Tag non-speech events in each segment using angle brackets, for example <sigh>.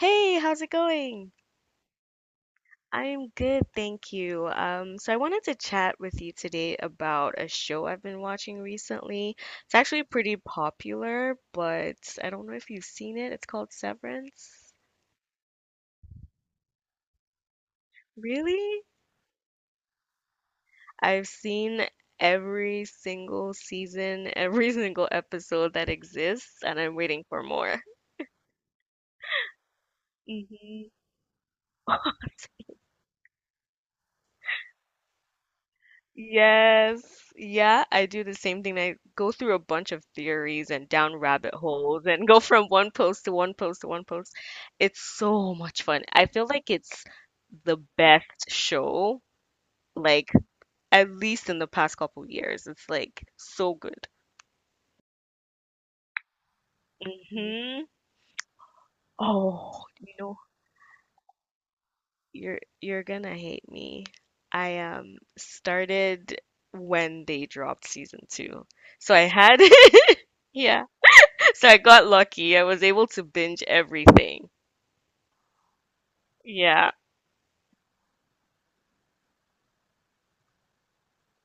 Hey, how's it going? I'm good, thank you. So I wanted to chat with you today about a show I've been watching recently. It's actually pretty popular, but I don't know if you've seen it. It's called Severance. Really? I've seen every single season, every <laughs> single episode that exists, and I'm waiting for more. Hmm <laughs> Yes. Yeah, I do the same thing. I go through a bunch of theories and down rabbit holes and <laughs> go from one post to one post to one post. It's so much fun. I feel like it's the best show, like at least in the past couple years. It's like so good. Hmm Oh, you know, you're gonna hate me. I started when they dropped season two. So I had <laughs> yeah. <laughs> So I got lucky. I was able to binge everything. Yeah.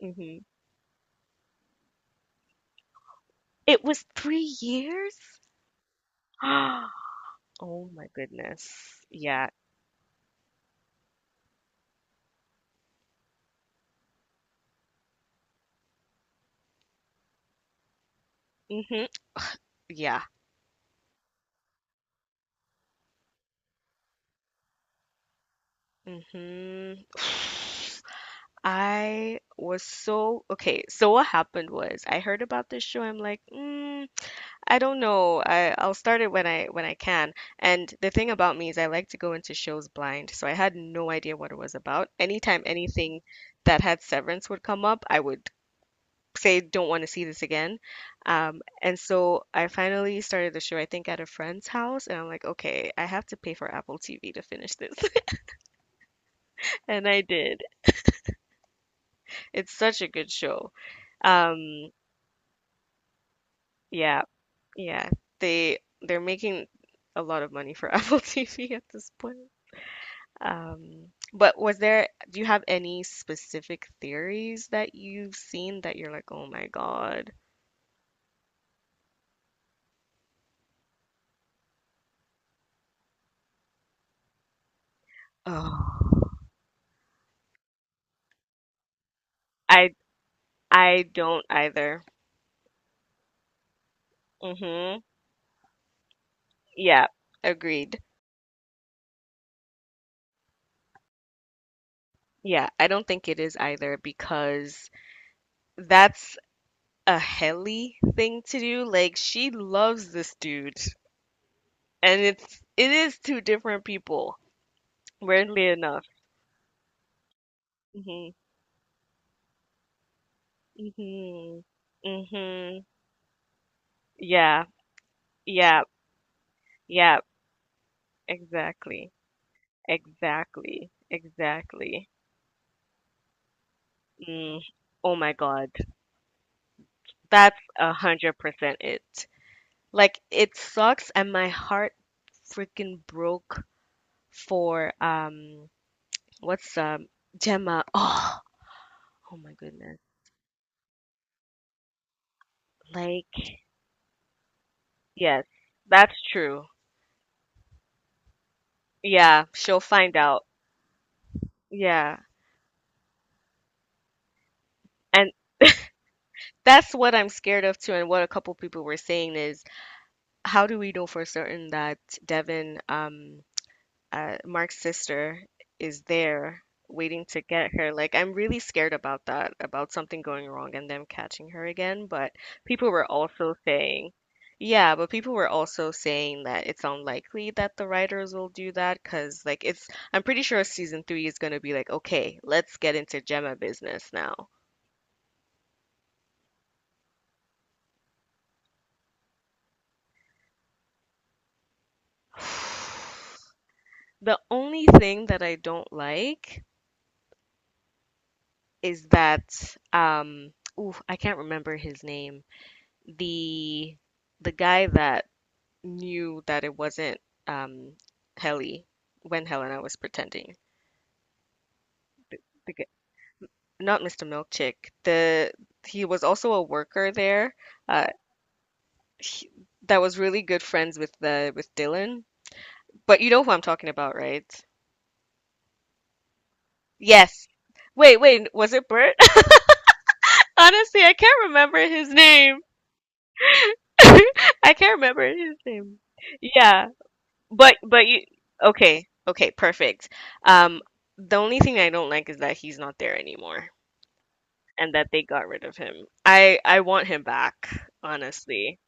hmm It was 3 years? <gasps> Oh my goodness. Yeah. hmm Yeah. hmm <sighs> I was so okay. So what happened was I heard about this show. I'm like, I don't know. I'll start it when I can. And the thing about me is I like to go into shows blind, so I had no idea what it was about. Anytime anything that had Severance would come up, I would say don't want to see this again. And so I finally started the show, I think, at a friend's house, and I'm like, okay, I have to pay for Apple TV to finish this. <laughs> And I did. It's such a good show. Um, yeah, yeah. They're making a lot of money for <laughs> Apple TV at this point. But do you have any specific theories that you've seen that you're like, oh my God? Oh, I I don't either. Hmm Yeah, agreed. Yeah, I don't think it is either because that's a Helly thing to do. Like she loves this dude, and it is two different people. Weirdly enough. Mhm. Mhm. Mhm. Yeah. Yeah. Yeah. Exactly. Exactly. Exactly. Mm. Oh my God. That's 100% it. Like it sucks, and my heart freaking broke for what's Gemma. Oh, oh my goodness. Like yes, that's true. Yeah, she'll find out. Yeah. And that's what I'm scared of too, and what a couple people were saying is how do we know for certain that Devin, Mark's sister, is there waiting to get her. Like, I'm really scared about that, about something going wrong and them catching her again. But people were also saying, people were also saying that it's unlikely that the writers will do that because, I'm pretty sure season three is going to be like, okay, let's get into Gemma business now. <sighs> The only thing that I don't like is that, um, I can't remember his name, the guy that knew that it wasn't um Helly when Helena was pretending. The g- Not Mr. Milkchick. The He was also a worker there. Uh, he, that was really good friends with the with Dylan. But you know who I'm talking about, right? Yes. Wait, wait, was it Bert? <laughs> Honestly, I can't remember his name. <laughs> I can't remember his name. Yeah. But you Okay, okay, perfect. Um, the only thing I don't like is that he's not there anymore and that they got rid of him. I want him back, honestly.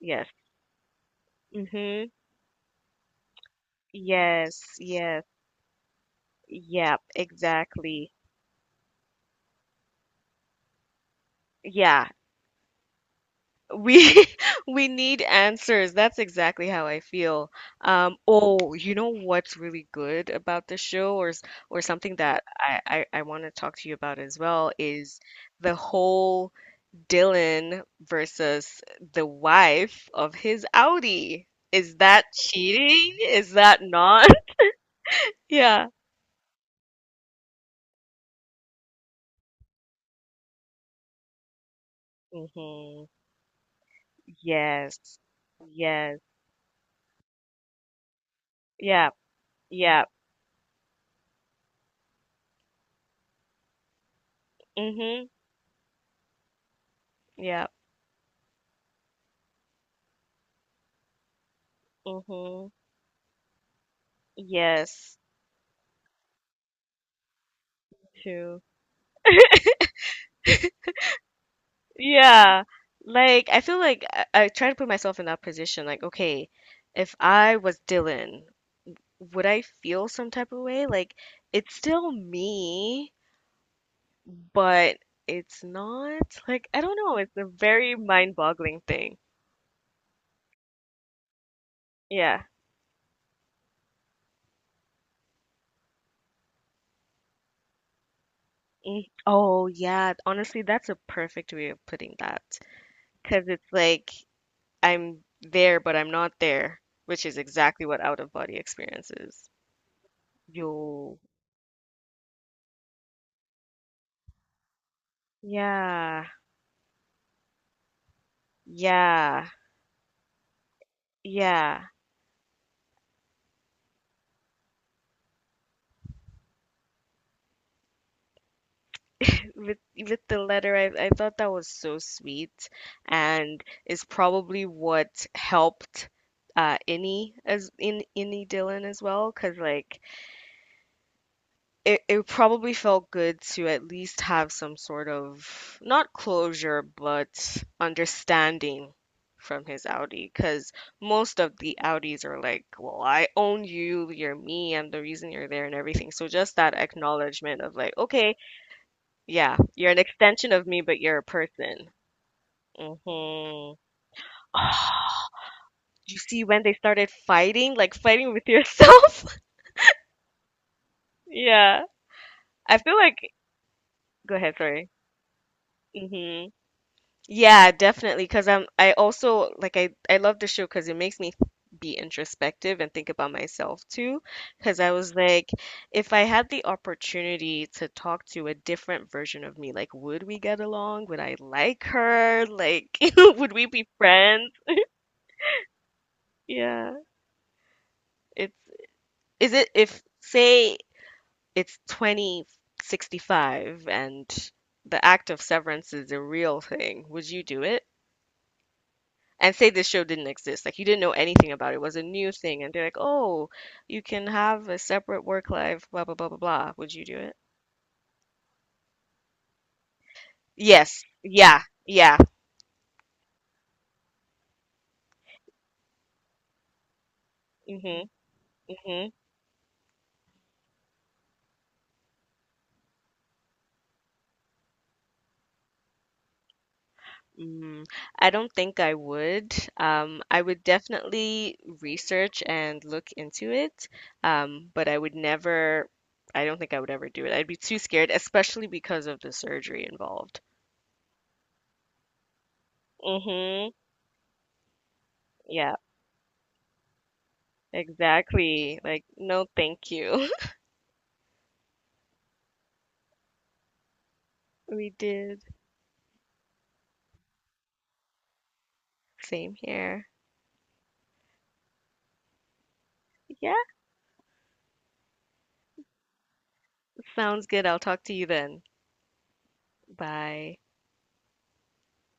Yes. Mm-hmm. Yes, yes. Yep, exactly. Yeah. We <laughs> we need answers. That's exactly how I feel. Oh, you know what's really good about the show, or s- or something that I want to talk to you about as well, is the whole Dylan versus the wife of his Audi. Is that cheating? Is that not? <laughs> Yeah. hmm Yes. Yes. Yeah. Yeah. hmm Yeah. hmm Yes. True. <laughs> Yeah. Like, I feel like I try to put myself in that position. Like, okay, if I was Dylan, would I feel some type of way? Like, it's still me, but it's not. I don't know. It's a very mind-boggling thing. Yeah. Mm. Oh, yeah. Honestly, that's a perfect way of putting that. Because it's like I'm there, but I'm not there, which is exactly what out-of-body experience is. Yo. Yeah. Yeah. Yeah. With the letter I thought that was so sweet, and is probably what helped Innie, as in Innie Dylan, as well, because like it probably felt good to at least have some sort of not closure but understanding from his Audi, because most of the Audis are like, well, I own you, you're me, I'm the reason you're there and everything. So just that acknowledgement of like, okay, yeah, you're an extension of me, but you're a person. Hmm <gasps> <sighs> You see when they started fighting, like fighting with yourself? <laughs> Yeah. I feel like, go ahead, sorry. Hmm Yeah, definitely. Because I also like I love the show because it makes me be introspective and think about myself too. Because I was like, if I had the opportunity to talk to a different version of me, like, would we get along? Would I like her? Like, <laughs> would we be friends? Yeah. It's is it If say it's 2065 and the act of severance is a real thing, would you do it? And say this show didn't exist, like you didn't know anything about it, it was a new thing, and they're like, "Oh, you can have a separate work life, blah blah blah blah blah." Would you do it? Yes. Yeah. Yeah. hmm hmm Mm, I don't think I would. I would definitely research and look into it, but I would never, I don't think I would ever do it. I'd be too scared, especially because of the surgery involved. Mm-hmm. Yeah, exactly. Like, no, thank you. <laughs> We did. Same here. Yeah, sounds good. I'll talk to you then. Bye.